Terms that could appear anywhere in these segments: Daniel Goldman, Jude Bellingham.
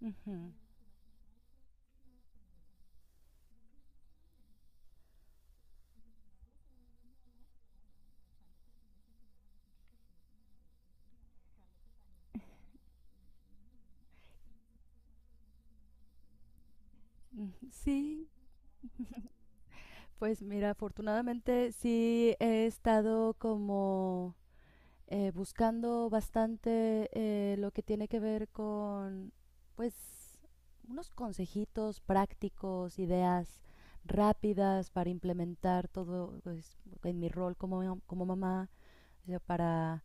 Ujú, ujú. Sí, pues mira, afortunadamente sí he estado como buscando bastante lo que tiene que ver con, pues, unos consejitos prácticos, ideas rápidas para implementar todo pues, en mi rol como mamá, o sea, para,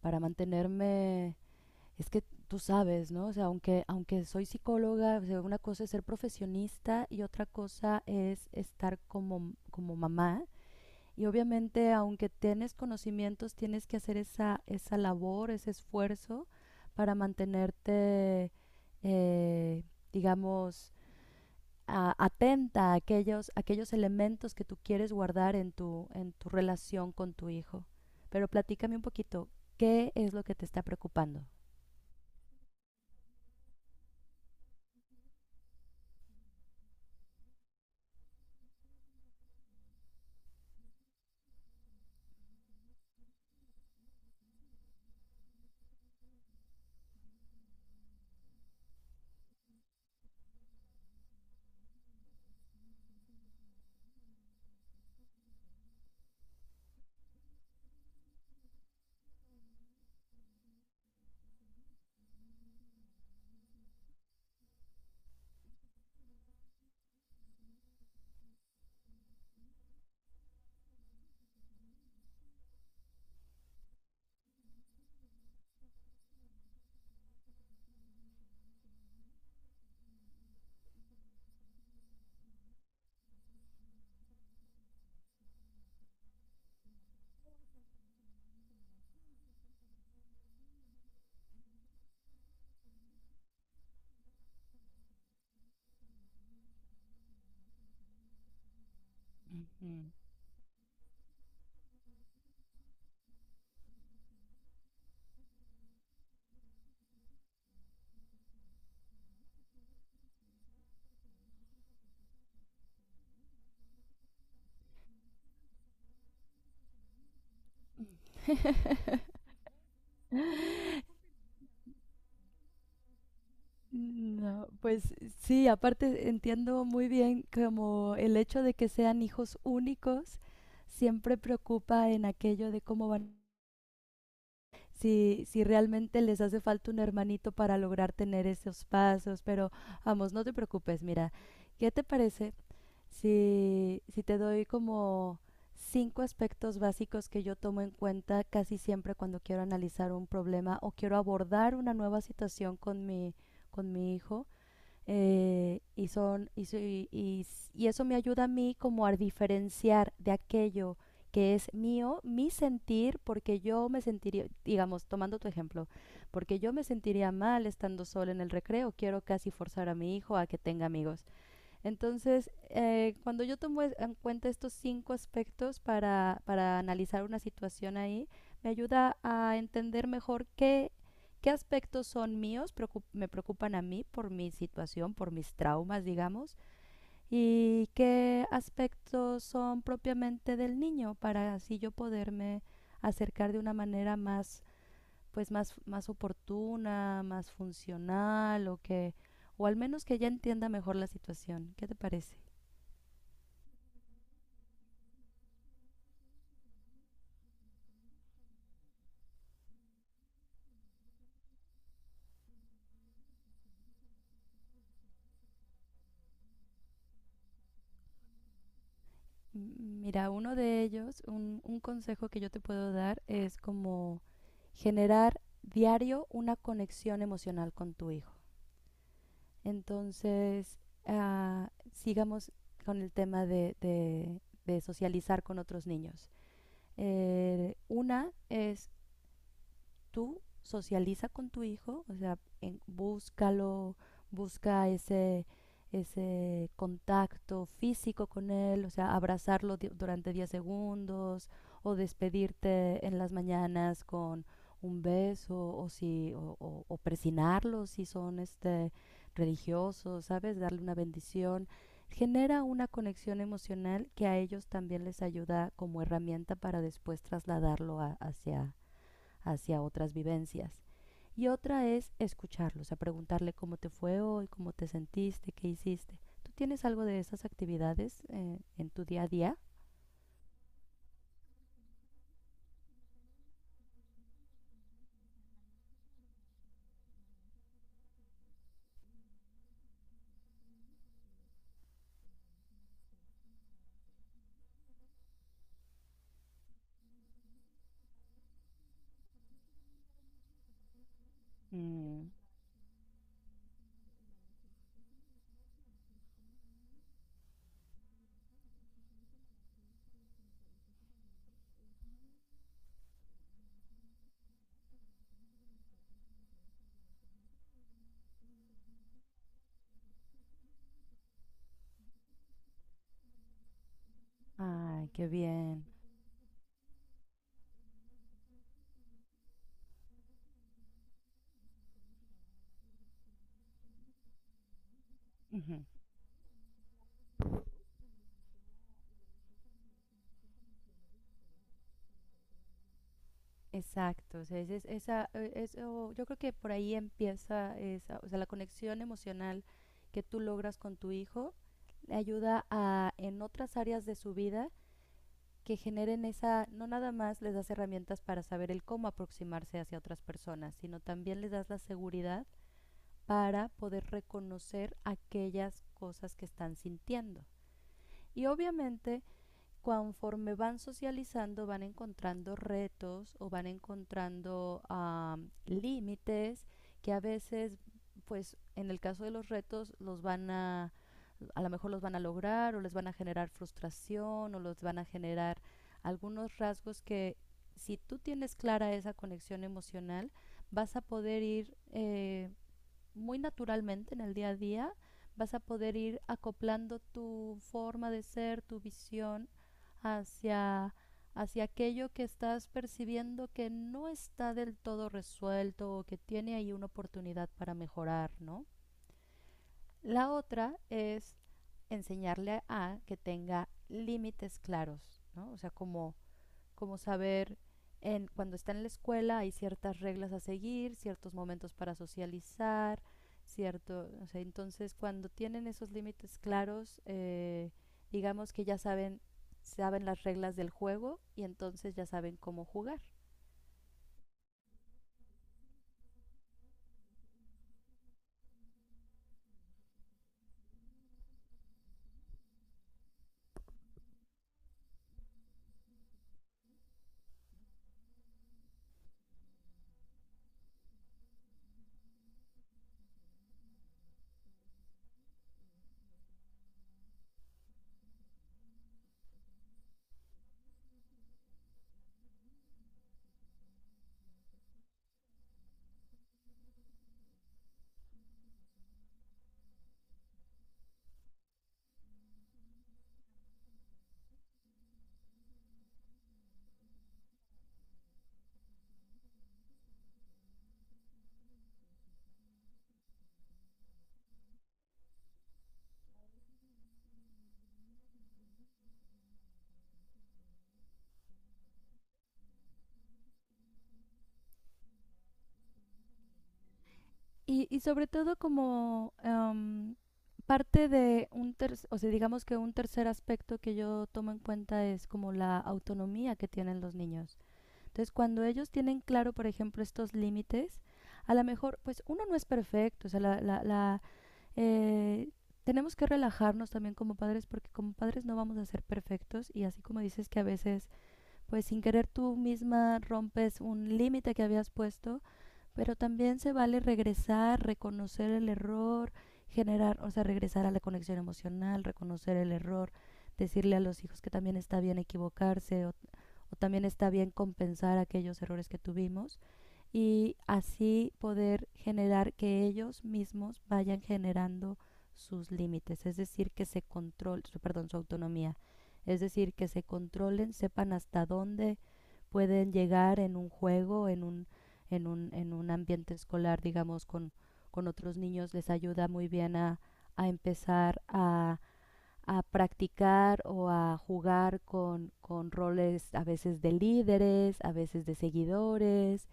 para mantenerme, es que tú sabes, ¿no? O sea, aunque soy psicóloga, o sea, una cosa es ser profesionista y otra cosa es estar como mamá y obviamente, aunque tienes conocimientos, tienes que hacer esa labor, ese esfuerzo para mantenerte, eh, digamos, atenta a aquellos elementos que tú quieres guardar en tu relación con tu hijo. Pero platícame un poquito, ¿qué es lo que te está preocupando? Ujú. No, pues sí, aparte entiendo muy bien como el hecho de que sean hijos únicos siempre preocupa en aquello de cómo van, si realmente les hace falta un hermanito para lograr tener esos pasos, pero vamos, no te preocupes, mira, ¿qué te parece si te doy como cinco aspectos básicos que yo tomo en cuenta casi siempre cuando quiero analizar un problema o quiero abordar una nueva situación con mi hijo? Y, son, y, so- y eso me ayuda a mí como a diferenciar de aquello que es mío, mi sentir, porque yo me sentiría, digamos, tomando tu ejemplo, porque yo me sentiría mal estando sola en el recreo, quiero casi forzar a mi hijo a que tenga amigos. Entonces, cuando yo tomo en cuenta estos cinco aspectos para analizar una situación ahí, me ayuda a entender mejor qué, qué aspectos son míos, me preocupan a mí por mi situación, por mis traumas, digamos, y qué aspectos son propiamente del niño para así yo poderme acercar de una manera más, pues más, más oportuna, más funcional o que, o al menos que ya entienda mejor la situación. ¿Qué te parece? Mira, uno de ellos, un consejo que yo te puedo dar es como generar diario una conexión emocional con tu hijo. Entonces, ah, sigamos con el tema de socializar con otros niños. Una es tú socializa con tu hijo, o sea, búscalo, busca ese contacto físico con él, o sea, abrazarlo durante 10 segundos o despedirte en las mañanas con un beso o si o, o presinarlo si son este religiosos, ¿sabes? Darle una bendición. Genera una conexión emocional que a ellos también les ayuda como herramienta para después trasladarlo hacia otras vivencias. Y otra es escucharlos, a preguntarle cómo te fue hoy, cómo te sentiste, qué hiciste. ¿Tú tienes algo de esas actividades en tu día a día? Mm. Ay, qué bien. Ujú. Exacto, o sea, eso, yo creo que por ahí empieza esa, o sea, la conexión emocional que tú logras con tu hijo le ayuda a en otras áreas de su vida que generen esa, no nada más les das herramientas para saber el cómo aproximarse hacia otras personas, sino también les das la seguridad para poder reconocer aquellas cosas que están sintiendo. Y obviamente conforme van socializando van encontrando retos o van encontrando límites que a veces, pues en el caso de los retos, los van a lo mejor los van a lograr o les van a generar frustración o los van a generar algunos rasgos que si tú tienes clara esa conexión emocional, vas a poder ir muy naturalmente en el día a día vas a poder ir acoplando tu forma de ser, tu visión hacia aquello que estás percibiendo que no está del todo resuelto o que tiene ahí una oportunidad para mejorar, ¿no? La otra es enseñarle a que tenga límites claros, ¿no? O sea, como saber en cuando está en la escuela hay ciertas reglas a seguir, ciertos momentos para socializar, cierto, o sea, entonces cuando tienen esos límites claros, digamos que ya saben las reglas del juego y entonces ya saben cómo jugar. Y sobre todo como parte de un tercer, o sea, digamos que un tercer aspecto que yo tomo en cuenta es como la autonomía que tienen los niños. Entonces, cuando ellos tienen claro, por ejemplo, estos límites, a lo mejor, pues uno no es perfecto, o sea, eh, tenemos que relajarnos también como padres porque como padres no vamos a ser perfectos y así como dices que a veces, pues sin querer tú misma rompes un límite que habías puesto, pero también se vale regresar, reconocer el error, generar, o sea, regresar a la conexión emocional, reconocer el error, decirle a los hijos que también está bien equivocarse o también está bien compensar aquellos errores que tuvimos y así poder generar que ellos mismos vayan generando sus límites, es decir, que se control, su, perdón, su autonomía, es decir, que se controlen, sepan hasta dónde pueden llegar en un juego, en un ambiente escolar, digamos, con otros niños, les ayuda muy bien a empezar a practicar o a jugar con roles a veces de líderes, a veces de seguidores,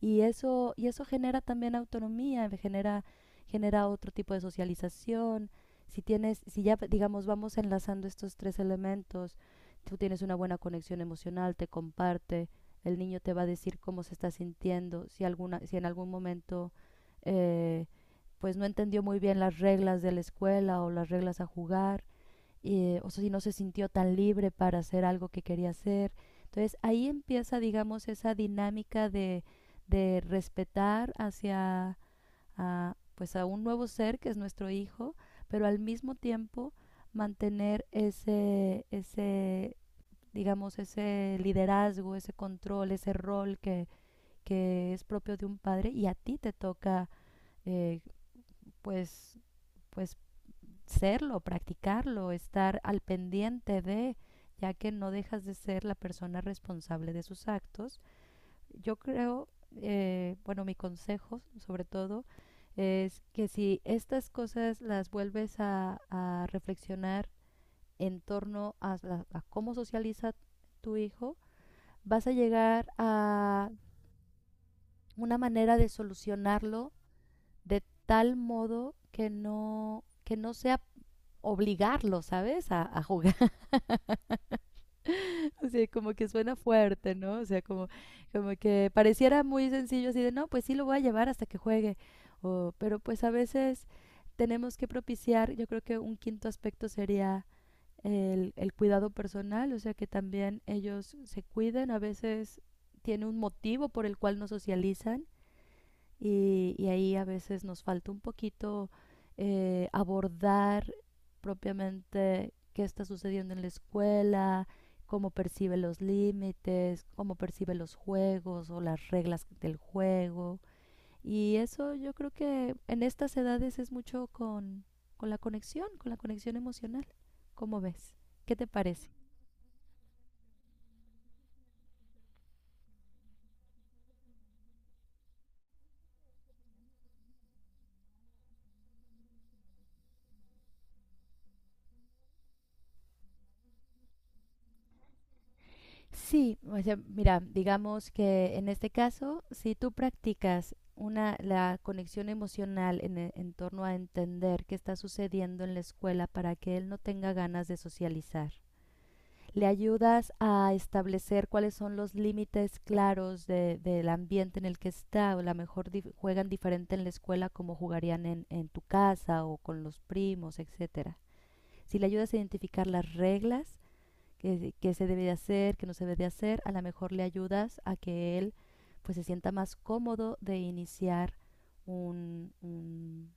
y eso, genera también autonomía, genera otro tipo de socialización. Si tienes, si ya digamos vamos enlazando estos tres elementos, tú tienes una buena conexión emocional, te comparte, el niño te va a decir cómo se está sintiendo, si en algún momento eh, pues no entendió muy bien las reglas de la escuela o las reglas a jugar, o sea, si no se sintió tan libre para hacer algo que quería hacer. Entonces ahí empieza, digamos, esa dinámica de, respetar hacia a, pues a un nuevo ser que es nuestro hijo, pero al mismo tiempo mantener digamos, ese liderazgo, ese control, ese rol que es propio de un padre y a ti te toca eh, pues, pues serlo, practicarlo, estar al pendiente de, ya que no dejas de ser la persona responsable de sus actos. Yo creo, bueno, mi consejo sobre todo es que si estas cosas las vuelves a reflexionar en torno a cómo socializa tu hijo, vas a llegar a una manera de solucionarlo de tal modo que no sea obligarlo, ¿sabes? A jugar. O sea, como que suena fuerte, ¿no? O sea, como, como que pareciera muy sencillo así de, no, pues sí lo voy a llevar hasta que juegue. O, pero pues a veces tenemos que propiciar, yo creo que un quinto aspecto sería el cuidado personal, o sea, que también ellos se cuiden, a veces tiene un motivo por el cual no socializan y ahí a veces nos falta un poquito abordar propiamente qué está sucediendo en la escuela, cómo percibe los límites, cómo percibe los juegos o las reglas del juego. Y eso yo creo que en estas edades es mucho con la conexión emocional. ¿Cómo ves? ¿Qué te parece? Sí, o sea, mira, digamos que en este caso, si tú practicas una, la conexión emocional en torno a entender qué está sucediendo en la escuela para que él no tenga ganas de socializar, le ayudas a establecer cuáles son los límites claros del ambiente en el que está, o a lo mejor juegan diferente en la escuela como jugarían en tu casa o con los primos, etcétera. Si le ayudas a identificar las reglas, qué, qué se debe de hacer, qué no se debe de hacer, a lo mejor le ayudas a que él pues se sienta más cómodo de iniciar un, un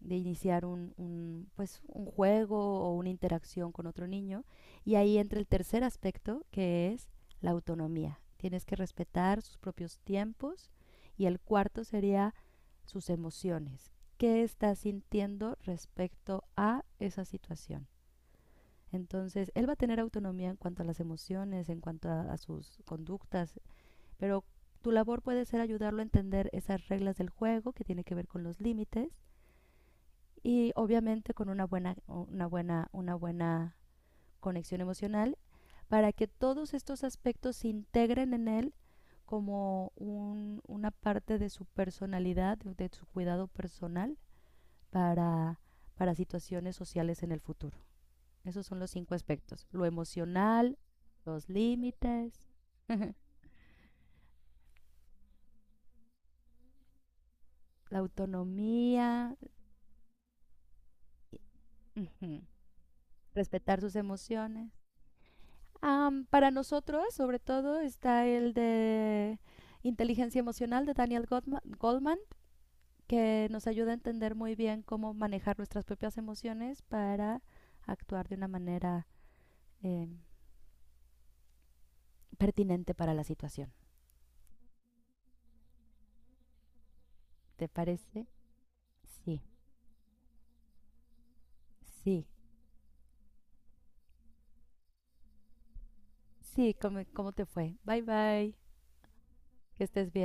un juego o una interacción con otro niño. Y ahí entra el tercer aspecto, que es la autonomía. Tienes que respetar sus propios tiempos. Y el cuarto sería sus emociones. ¿Qué estás sintiendo respecto a esa situación? Entonces, él va a tener autonomía en cuanto a las emociones, en cuanto a sus conductas, pero tu labor puede ser ayudarlo a entender esas reglas del juego que tiene que ver con los límites y obviamente con una buena conexión emocional para que todos estos aspectos se integren en él como una parte de su personalidad, de su cuidado personal para, para situaciones sociales en el futuro. Esos son los cinco aspectos. Lo emocional, los límites, la autonomía, respetar sus emociones. Para nosotros, sobre todo, está el de inteligencia emocional de Daniel Goldman, que nos ayuda a entender muy bien cómo manejar nuestras propias emociones para actuar de una manera eh, pertinente para la situación. ¿Te parece? Sí, sí, sí, ¿cómo te fue? Bye bye. Que estés bien.